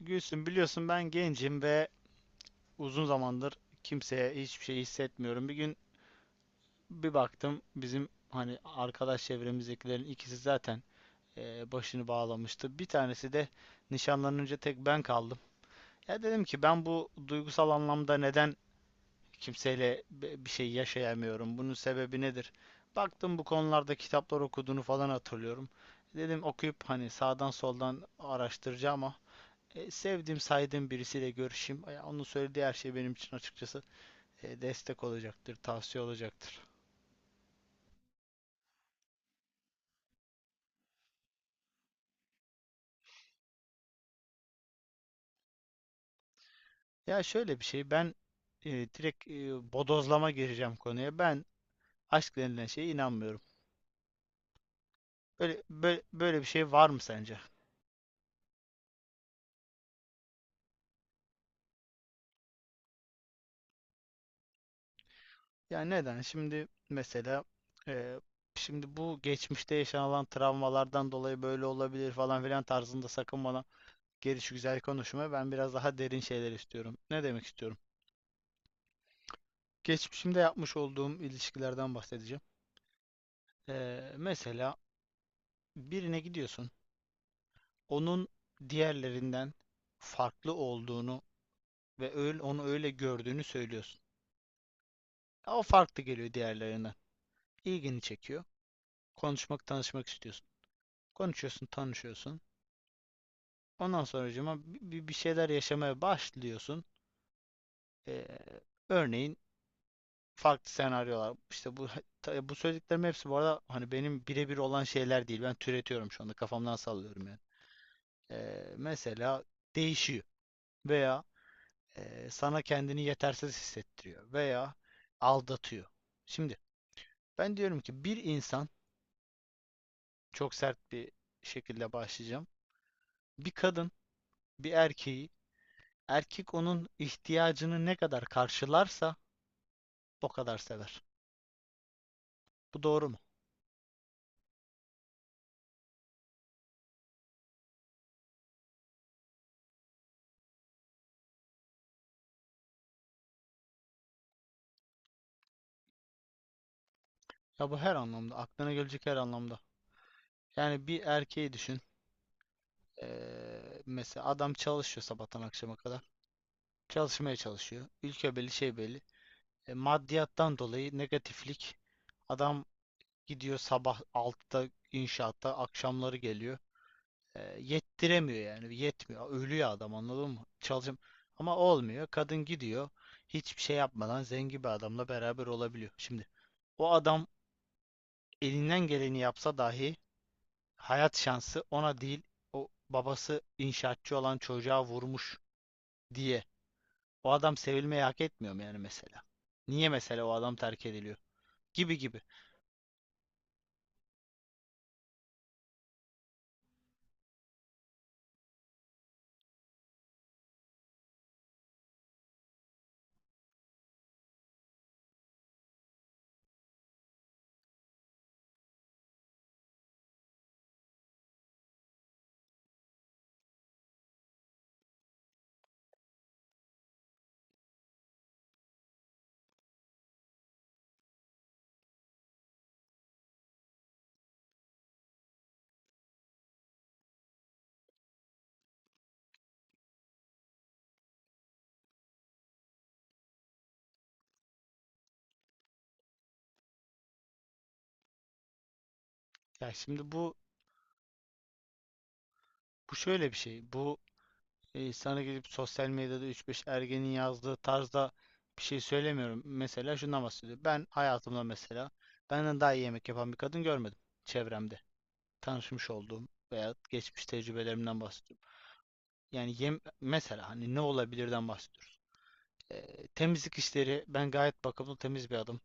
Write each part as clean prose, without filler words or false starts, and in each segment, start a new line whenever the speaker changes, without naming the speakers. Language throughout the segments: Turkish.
Gülsüm, biliyorsun ben gencim ve uzun zamandır kimseye hiçbir şey hissetmiyorum. Bir gün bir baktım bizim hani arkadaş çevremizdekilerin ikisi zaten başını bağlamıştı. Bir tanesi de nişanlanınca tek ben kaldım. Ya dedim ki ben bu duygusal anlamda neden kimseyle bir şey yaşayamıyorum? Bunun sebebi nedir? Baktım bu konularda kitaplar okuduğunu falan hatırlıyorum. Dedim okuyup hani sağdan soldan araştıracağım ama sevdiğim, saydığım birisiyle görüşeyim. Ya onun söylediği her şey benim için açıkçası destek olacaktır, tavsiye olacaktır. Ya şöyle bir şey, ben e, direkt e, bodozlama gireceğim konuya. Ben aşk denilen şeye inanmıyorum. Böyle, böyle, böyle bir şey var mı sence? Yani neden? Şimdi mesela, e, şimdi bu geçmişte yaşanılan travmalardan dolayı böyle olabilir falan filan tarzında sakın bana geliş güzel konuşma. Ben biraz daha derin şeyler istiyorum. Ne demek istiyorum? Geçmişimde yapmış olduğum ilişkilerden bahsedeceğim. Mesela birine gidiyorsun, onun diğerlerinden farklı olduğunu ve öyle, onu öyle gördüğünü söylüyorsun. O farklı geliyor diğerlerinden. İlgini çekiyor. Konuşmak, tanışmak istiyorsun. Konuşuyorsun, tanışıyorsun. Ondan sonracığıma bir şeyler yaşamaya başlıyorsun. Ee, örneğin farklı senaryolar. İşte bu bu söylediklerimin hepsi bu arada hani benim birebir olan şeyler değil. Ben türetiyorum şu anda. Kafamdan sallıyorum yani. Mesela değişiyor veya sana kendini yetersiz hissettiriyor veya aldatıyor. Şimdi ben diyorum ki bir insan çok sert bir şekilde başlayacağım. Bir kadın bir erkeği, erkek onun ihtiyacını ne kadar karşılarsa o kadar sever. Bu doğru mu? Ya bu her anlamda, aklına gelecek her anlamda. Yani bir erkeği düşün. Mesela adam çalışıyor sabahtan akşama kadar. Çalışmaya çalışıyor. Ülke belli, şey belli. E, maddiyattan dolayı negatiflik, adam gidiyor sabah 6'da inşaatta, akşamları geliyor. Yettiremiyor yani, yetmiyor. Ölüyor adam, anladın mı? Çalışım ama olmuyor. Kadın gidiyor. Hiçbir şey yapmadan zengin bir adamla beraber olabiliyor. Şimdi o adam elinden geleni yapsa dahi hayat şansı ona değil, o babası inşaatçı olan çocuğa vurmuş diye. O adam sevilmeyi hak etmiyor mu yani mesela? Niye mesela o adam terk ediliyor? Gibi gibi. Ya şimdi bu bu şöyle bir şey. Bu, sana gelip sosyal medyada üç beş ergenin yazdığı tarzda bir şey söylemiyorum. Mesela şundan bahsediyor. Ben hayatımda mesela benden daha iyi yemek yapan bir kadın görmedim çevremde, tanışmış olduğum veya geçmiş tecrübelerimden bahsediyorum. Yani mesela hani ne olabilirden bahsediyoruz. Temizlik işleri, ben gayet bakımlı temiz bir adam.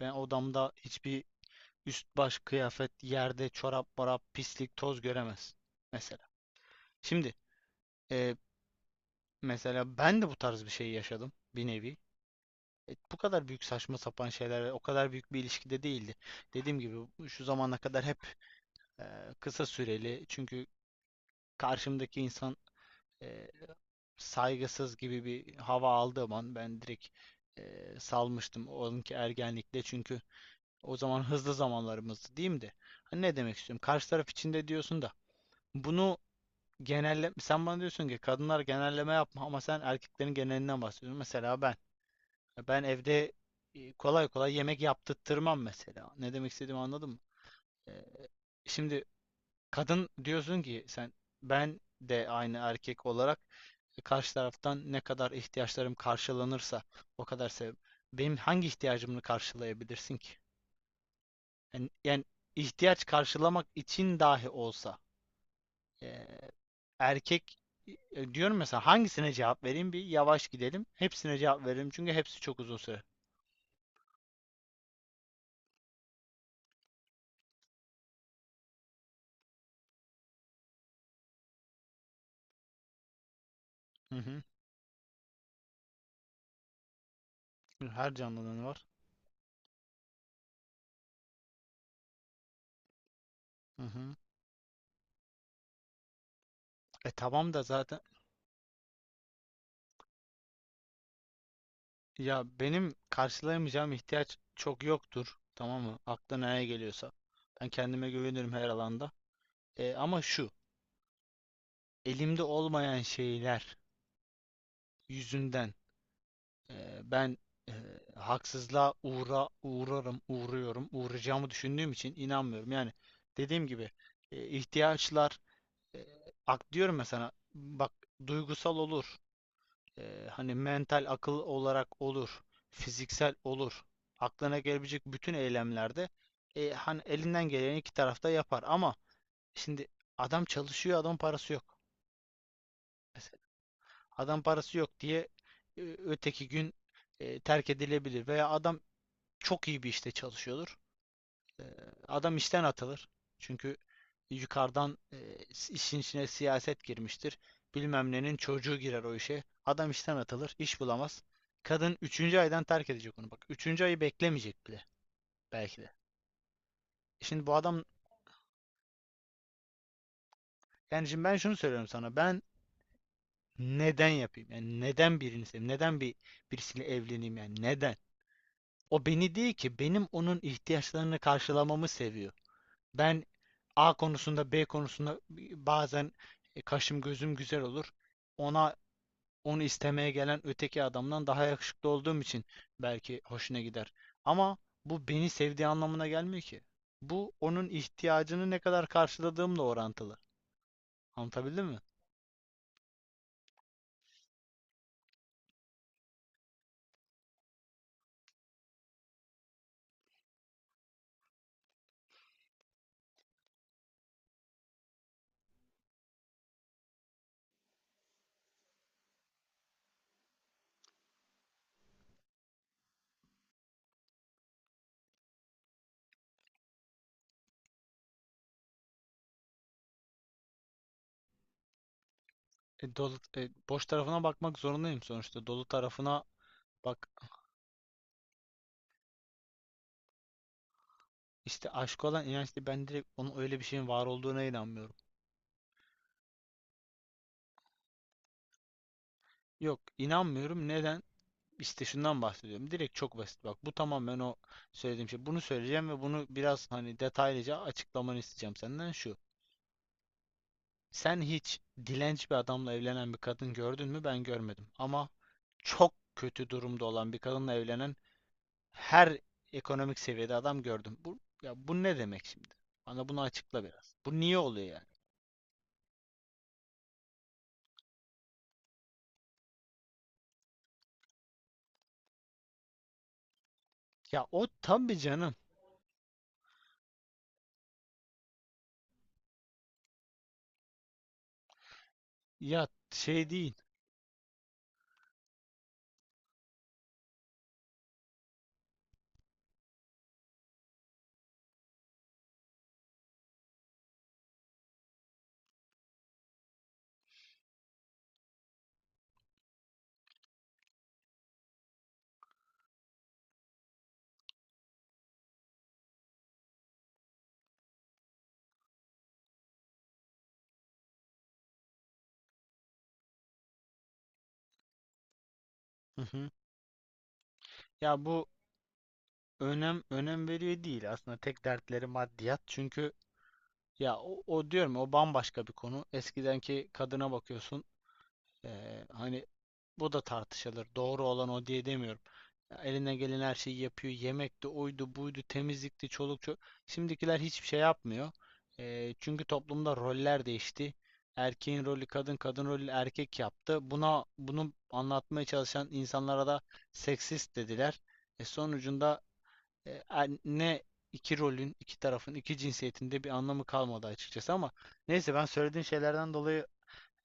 Ben odamda hiçbir üst baş kıyafet, yerde çorap, morap, pislik, toz göremez. Mesela. Şimdi, e, mesela ben de bu tarz bir şey yaşadım bir nevi. E, bu kadar büyük saçma sapan şeyler o kadar büyük bir ilişkide değildi. Dediğim gibi şu zamana kadar hep, e, kısa süreli, çünkü karşımdaki insan, e, saygısız gibi bir hava aldığım an ben direkt salmıştım. Onunki ergenlikte çünkü o zaman hızlı zamanlarımızdı diyeyim de. Hani ne demek istiyorum? Karşı taraf içinde diyorsun da bunu genelle, sen bana diyorsun ki kadınlar genelleme yapma ama sen erkeklerin genelinden bahsediyorsun. Mesela ben evde, kolay kolay yemek yaptırtmam mesela. Ne demek istediğimi anladın mı? Eee, Şimdi kadın diyorsun ki sen, ben de aynı erkek olarak, karşı taraftan ne kadar ihtiyaçlarım karşılanırsa o kadar sev. Benim hangi ihtiyacımı karşılayabilirsin ki? Yani ihtiyaç karşılamak için dahi olsa, e, erkek, diyorum mesela hangisine cevap vereyim, bir yavaş gidelim. Hepsine cevap veririm çünkü hepsi çok uzun süre. Hı hı. Her canlının var. Hı hı. E tamam da zaten, ya benim karşılayamayacağım ihtiyaç çok yoktur. Tamam mı? Aklına ne geliyorsa. Ben kendime güvenirim her alanda. E, ama şu, elimde olmayan şeyler yüzünden, ben e, haksızlığa uğrarım, uğruyorum, uğrayacağımı düşündüğüm için inanmıyorum. Yani dediğim gibi, ihtiyaçlar, e, ak diyorum ya sana, bak, duygusal olur. Hani mental akıl olarak olur, fiziksel olur. Aklına gelebilecek bütün eylemlerde, hani elinden geleni iki tarafta yapar ama şimdi adam çalışıyor, adam parası yok. Mesela adam parası yok diye, öteki gün, terk edilebilir veya adam çok iyi bir işte çalışıyordur. Ee, Adam işten atılır. Çünkü yukarıdan, işin içine siyaset girmiştir. Bilmem nenin çocuğu girer o işe. Adam işten atılır, iş bulamaz. Kadın üçüncü aydan terk edecek onu. Bak üçüncü ayı beklemeyecek bile belki de. Şimdi bu adam, yani şimdi ben şunu söylüyorum sana. Ben neden yapayım? Yani neden birini seveyim? Neden birisiyle evleneyim yani? Neden? O beni değil ki, benim onun ihtiyaçlarını karşılamamı seviyor. Ben A konusunda, B konusunda bazen, kaşım gözüm güzel olur. Ona, onu istemeye gelen öteki adamdan daha yakışıklı olduğum için belki hoşuna gider. Ama bu beni sevdiği anlamına gelmiyor ki. Bu onun ihtiyacını ne kadar karşıladığımla orantılı. Anlatabildim mi? Dolu, boş tarafına bakmak zorundayım sonuçta. Dolu tarafına bak, işte aşk olan inançlı ben direkt onun öyle bir şeyin var olduğuna inanmıyorum. Yok inanmıyorum. Neden? İşte şundan bahsediyorum. Direkt çok basit bak. Bu tamamen o söylediğim şey. Bunu söyleyeceğim ve bunu biraz hani detaylıca açıklamanı isteyeceğim senden şu. Sen hiç dilenci bir adamla evlenen bir kadın gördün mü? Ben görmedim. Ama çok kötü durumda olan bir kadınla evlenen her ekonomik seviyede adam gördüm. Bu, ya bu ne demek şimdi? Bana bunu açıkla biraz. Bu niye oluyor yani? Ya o tabii canım. Ya şey değil. Hı hı. Ya bu önem veriyor değil aslında, tek dertleri maddiyat. Çünkü ya o diyorum o bambaşka bir konu. Eskidenki kadına bakıyorsun. Hani bu da tartışılır. Doğru olan o diye demiyorum. Ya eline gelen her şeyi yapıyor. Yemekti, oydu, buydu, temizlikti, çoluk çocuk. Şimdikiler hiçbir şey yapmıyor. Çünkü toplumda roller değişti. Erkeğin rolü kadın, kadın rolü erkek yaptı. Bunu anlatmaya çalışan insanlara da seksist dediler. E sonucunda, anne, iki rolün, iki tarafın, iki cinsiyetinde bir anlamı kalmadı açıkçası ama neyse, ben söylediğin şeylerden dolayı,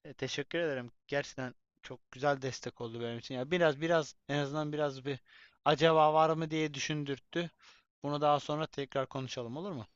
teşekkür ederim. Gerçekten çok güzel destek oldu benim için. Ya biraz en azından biraz bir acaba var mı diye düşündürttü. Bunu daha sonra tekrar konuşalım, olur mu?